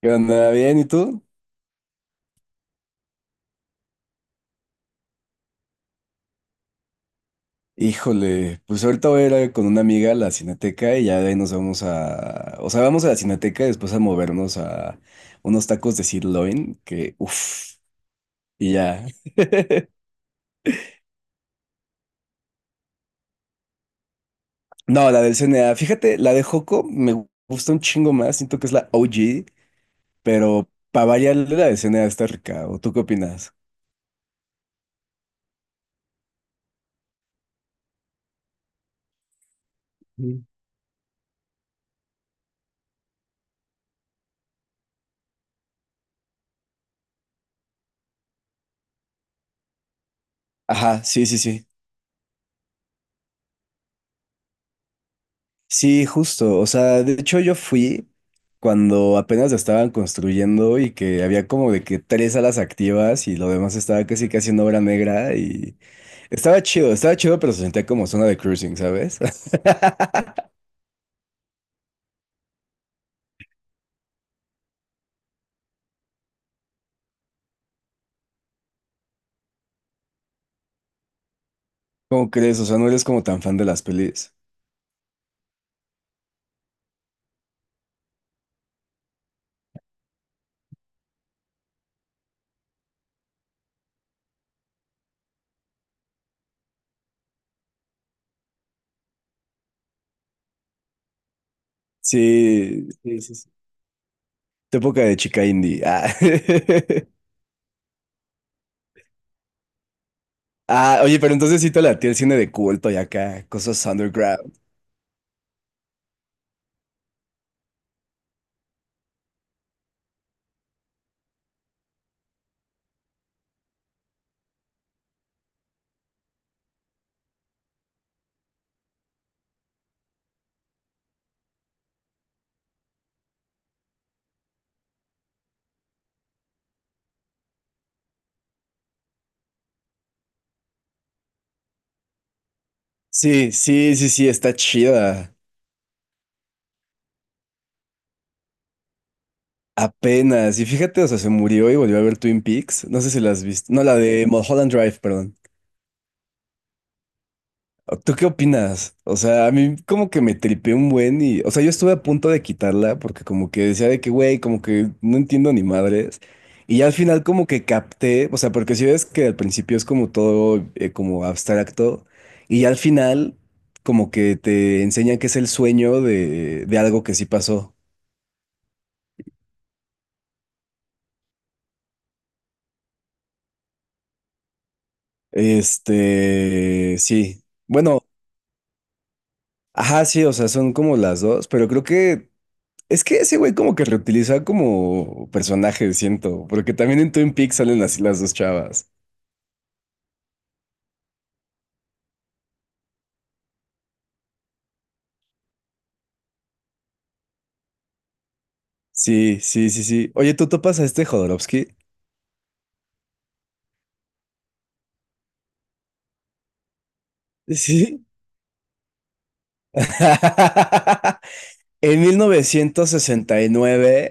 ¿Qué onda? ¿Bien? ¿Y tú? Híjole, pues ahorita voy a con una amiga a la Cineteca y ya de ahí nos vamos a... O sea, vamos a la Cineteca y después a movernos a unos tacos de sirloin que... Uf, y ya. No, la del CNA. Fíjate, la de Joco me gusta un chingo más. Siento que es la OG, pero para variar la del CNA está rica. ¿O tú qué opinas? Mm. Ajá, sí, sí, sí. Sí, justo. O sea, de hecho yo fui cuando apenas la estaban construyendo y que había como de que tres salas activas y lo demás estaba casi casi en obra negra y estaba chido, pero se sentía como zona de cruising, ¿sabes? ¿Cómo crees? O sea, no eres como tan fan de las pelis. Sí, sí, sí, sí. Tu época de chica indie. Ah. Ah, oye, pero entonces sí te latía el cine de culto y acá, cosas underground. Sí, sí, sí, sí, está chida. Apenas. Y fíjate, o sea, se murió y volvió a ver Twin Peaks. No sé si la has visto. No, la de Mulholland Drive, perdón. ¿Tú qué opinas? O sea, a mí como que me tripé un buen y... O sea, yo estuve a punto de quitarla porque como que decía de que, güey, como que no entiendo ni madres. Y ya al final como que capté, o sea, porque si ves que al principio es como todo como abstracto y ya al final como que te enseñan que es el sueño de algo que sí pasó. Este, sí. Bueno. Ajá, sí, o sea, son como las dos, pero creo que es que ese güey como que reutiliza como personaje, siento, porque también en Twin Peaks salen así las dos chavas. Sí, sí, sí, sí. Oye, ¿tú topas a este Jodorowsky? Sí. En 1969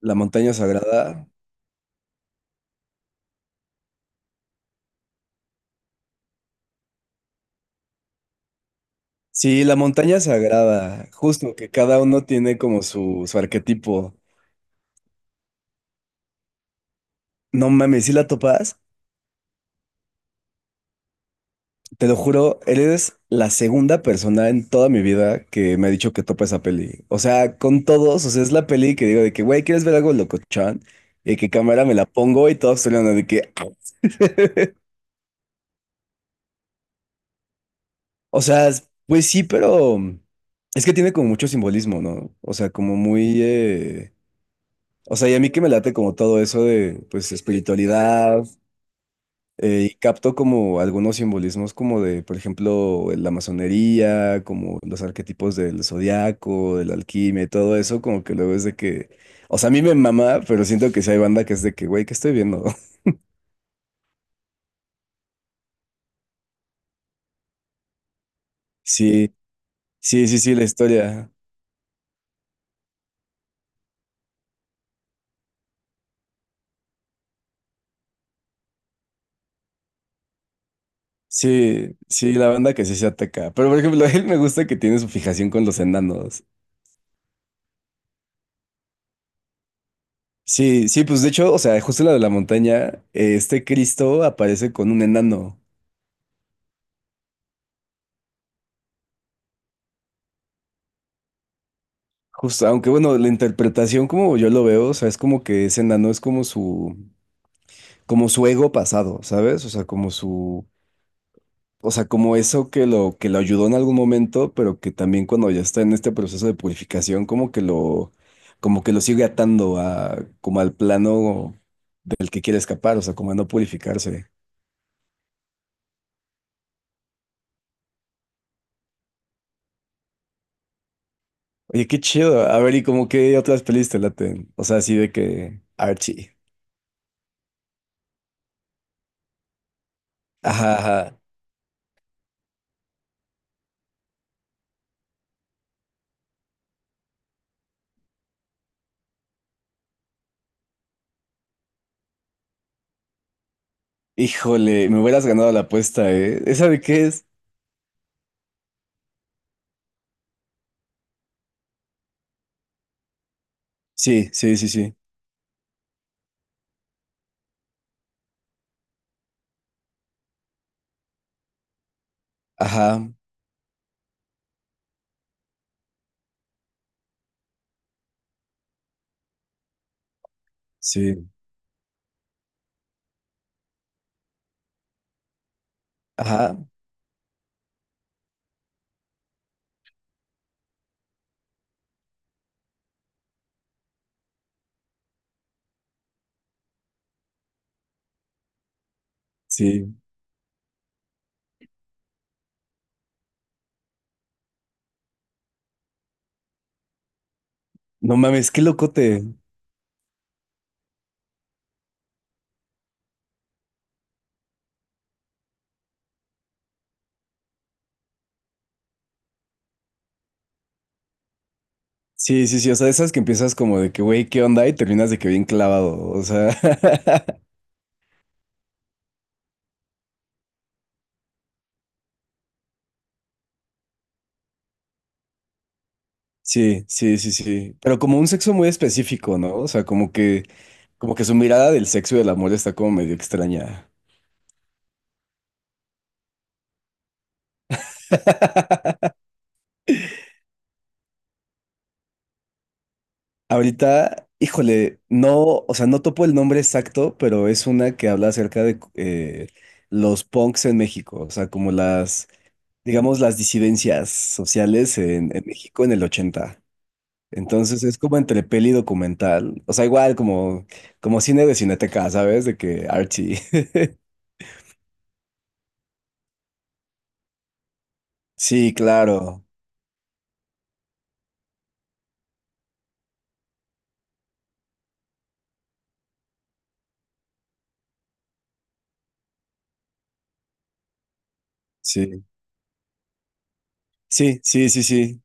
La Montaña Sagrada. Sí, La Montaña Sagrada, justo que cada uno tiene como su arquetipo. No mames, ¿sí la topas? Te lo juro, eres la segunda persona en toda mi vida que me ha dicho que topa esa peli. O sea, con todos, o sea, es la peli que digo de que, güey, ¿quieres ver algo locochón? Y que cámara me la pongo y todos hablando de que, "Ah". O sea, pues sí, pero es que tiene como mucho simbolismo, ¿no? O sea, como muy, o sea, y a mí que me late como todo eso de, pues, espiritualidad, y capto como algunos simbolismos como de, por ejemplo, la masonería, como los arquetipos del zodiaco, del alquimia y todo eso, como que luego es de que, o sea, a mí me mama, pero siento que sí hay banda que es de que, güey, ¿qué estoy viendo? Sí, sí, sí, sí, la historia. Sí, sí, la banda que sí se ataca. Pero, por ejemplo, a él me gusta que tiene su fijación con los enanos. Sí, sí, pues de hecho, o sea, justo en la de la montaña, este Cristo aparece con un enano. Justo, aunque bueno, la interpretación como yo lo veo, o sea, es como que ese enano es como su ego pasado, ¿sabes? O sea, como su, o sea, como eso que lo ayudó en algún momento, pero que también cuando ya está en este proceso de purificación, como que lo sigue atando a, como al plano del que quiere escapar, o sea, como a no purificarse. Oye, qué chido. A ver, ¿y como qué otras pelis te laten? O sea, así de que Archie. Ajá, ajá. Híjole, me hubieras ganado la apuesta, ¿eh? ¿Esa de qué es? Sí, sí, sí, sí. Ajá, sí, ajá, sí. No mames, qué locote. Sí, sí, sí. O sea, de esas que empiezas como de que, güey, ¿qué onda? Y terminas de que bien clavado. O sea, sí, sí, sí, sí. Pero como un sexo muy específico, ¿no? O sea, como que su mirada del sexo y del amor está como medio extraña. Ahorita, híjole, no, o sea, no topo el nombre exacto, pero es una que habla acerca de los punks en México. O sea, como las digamos, las disidencias sociales en México en el ochenta. Entonces es como entre peli y documental, o sea, igual como, como cine de Cineteca, ¿sabes? De que Archie. Sí, claro, sí, sí, sí, sí, sí.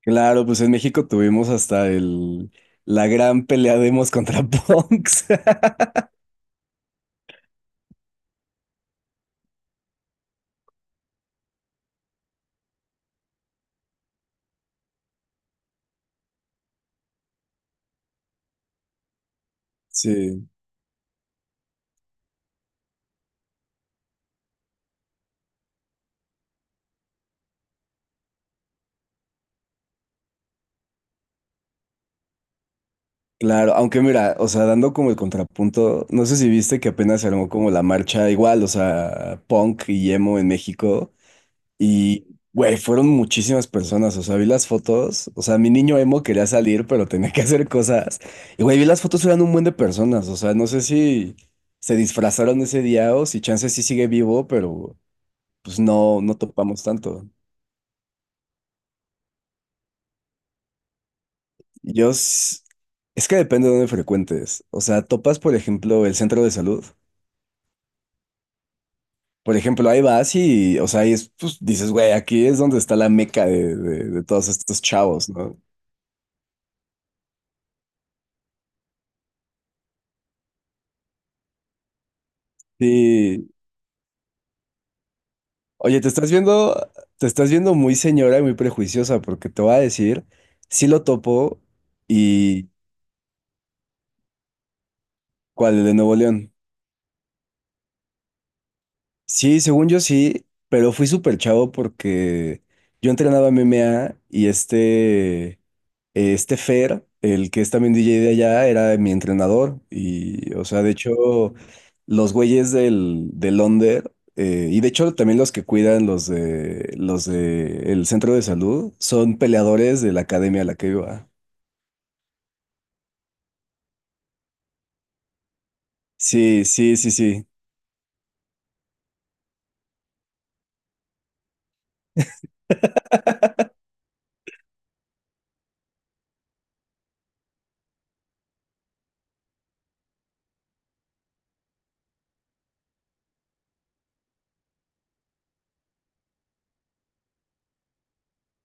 Claro, pues en México tuvimos hasta el, la gran pelea de Emos contra Punks. Sí, claro, aunque mira, o sea, dando como el contrapunto, no sé si viste que apenas se armó como la marcha igual, o sea, punk y emo en México. Y, güey, fueron muchísimas personas. O sea, vi las fotos. O sea, mi niño emo quería salir, pero tenía que hacer cosas. Y, güey, vi las fotos, eran un buen de personas. O sea, no sé si se disfrazaron ese día o si Chance sí sigue vivo, pero pues no, no topamos tanto. Yo, s- es que depende de dónde frecuentes. O sea, topas, por ejemplo, el centro de salud. Por ejemplo, ahí vas y, o sea, ahí es, pues, dices, güey, aquí es donde está la meca de de todos estos chavos, ¿no? Sí, oye, te estás viendo muy señora y muy prejuiciosa, porque te voy a decir, sí lo topo. Y ¿cuál? El de Nuevo León. Sí, según yo sí, pero fui súper chavo porque yo entrenaba MMA y este Fer, el que es también DJ de allá, era mi entrenador. Y, o sea, de hecho, los güeyes del Onder, y de hecho también los que cuidan los de el centro de salud, son peleadores de la academia a la que iba. Sí, sí, sí, sí.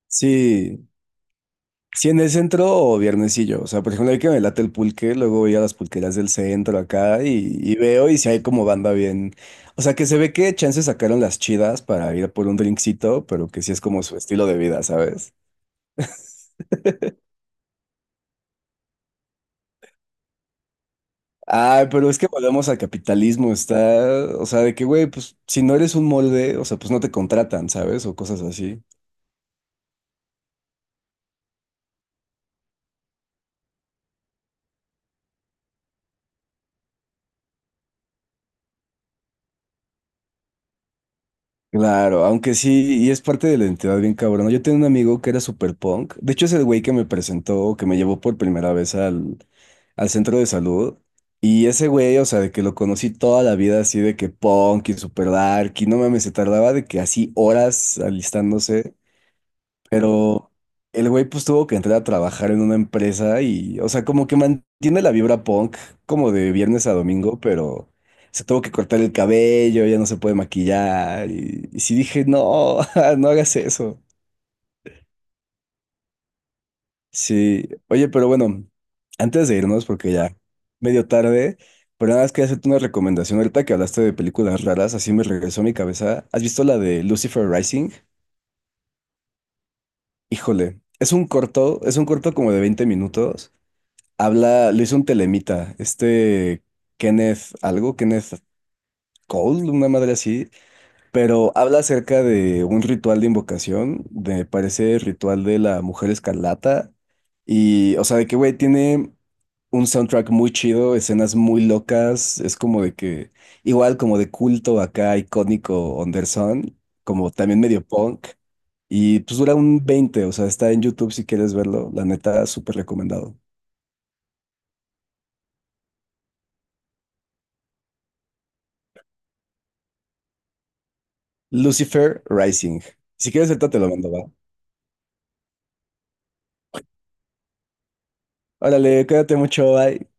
Sí, sí, en el centro o viernesillo. O sea, por ejemplo, hay que me late el pulque, luego voy a las pulquerías del centro acá y veo y si hay como banda bien. O sea, que se ve que chance sacaron las chidas para ir por un drinkcito, pero que sí es como su estilo de vida, ¿sabes? Ay, pero es que volvemos al capitalismo, está. O sea, de que, güey, pues si no eres un molde, o sea, pues no te contratan, ¿sabes? O cosas así. Claro, aunque sí, y es parte de la identidad bien cabrona. Yo tenía un amigo que era super punk. De hecho, es el güey que me presentó, que me llevó por primera vez al, al centro de salud. Y ese güey, o sea, de que lo conocí toda la vida así de que punk y super dark. Y no mames, se tardaba de que así horas alistándose. Pero el güey pues tuvo que entrar a trabajar en una empresa y, o sea, como que mantiene la vibra punk como de viernes a domingo, pero se tuvo que cortar el cabello, ya no se puede maquillar. Y sí dije, no, no hagas eso. Sí, oye, pero bueno, antes de irnos, porque ya medio tarde, pero nada más quería hacerte una recomendación. Ahorita que hablaste de películas raras, así me regresó a mi cabeza. ¿Has visto la de Lucifer Rising? Híjole, es un corto como de 20 minutos. Habla, lo hizo un telemita, este Kenneth, algo, Kenneth Cole, una madre así, pero habla acerca de un ritual de invocación, de parece ritual de la Mujer Escarlata, y, o sea, de que, güey, tiene un soundtrack muy chido, escenas muy locas, es como de que, igual como de culto acá, icónico, Anderson, como también medio punk, y pues dura un veinte, o sea, está en YouTube si quieres verlo, la neta, súper recomendado. Lucifer Rising. Si quieres, ahorita te lo mando, va. Órale, cuídate mucho, bye.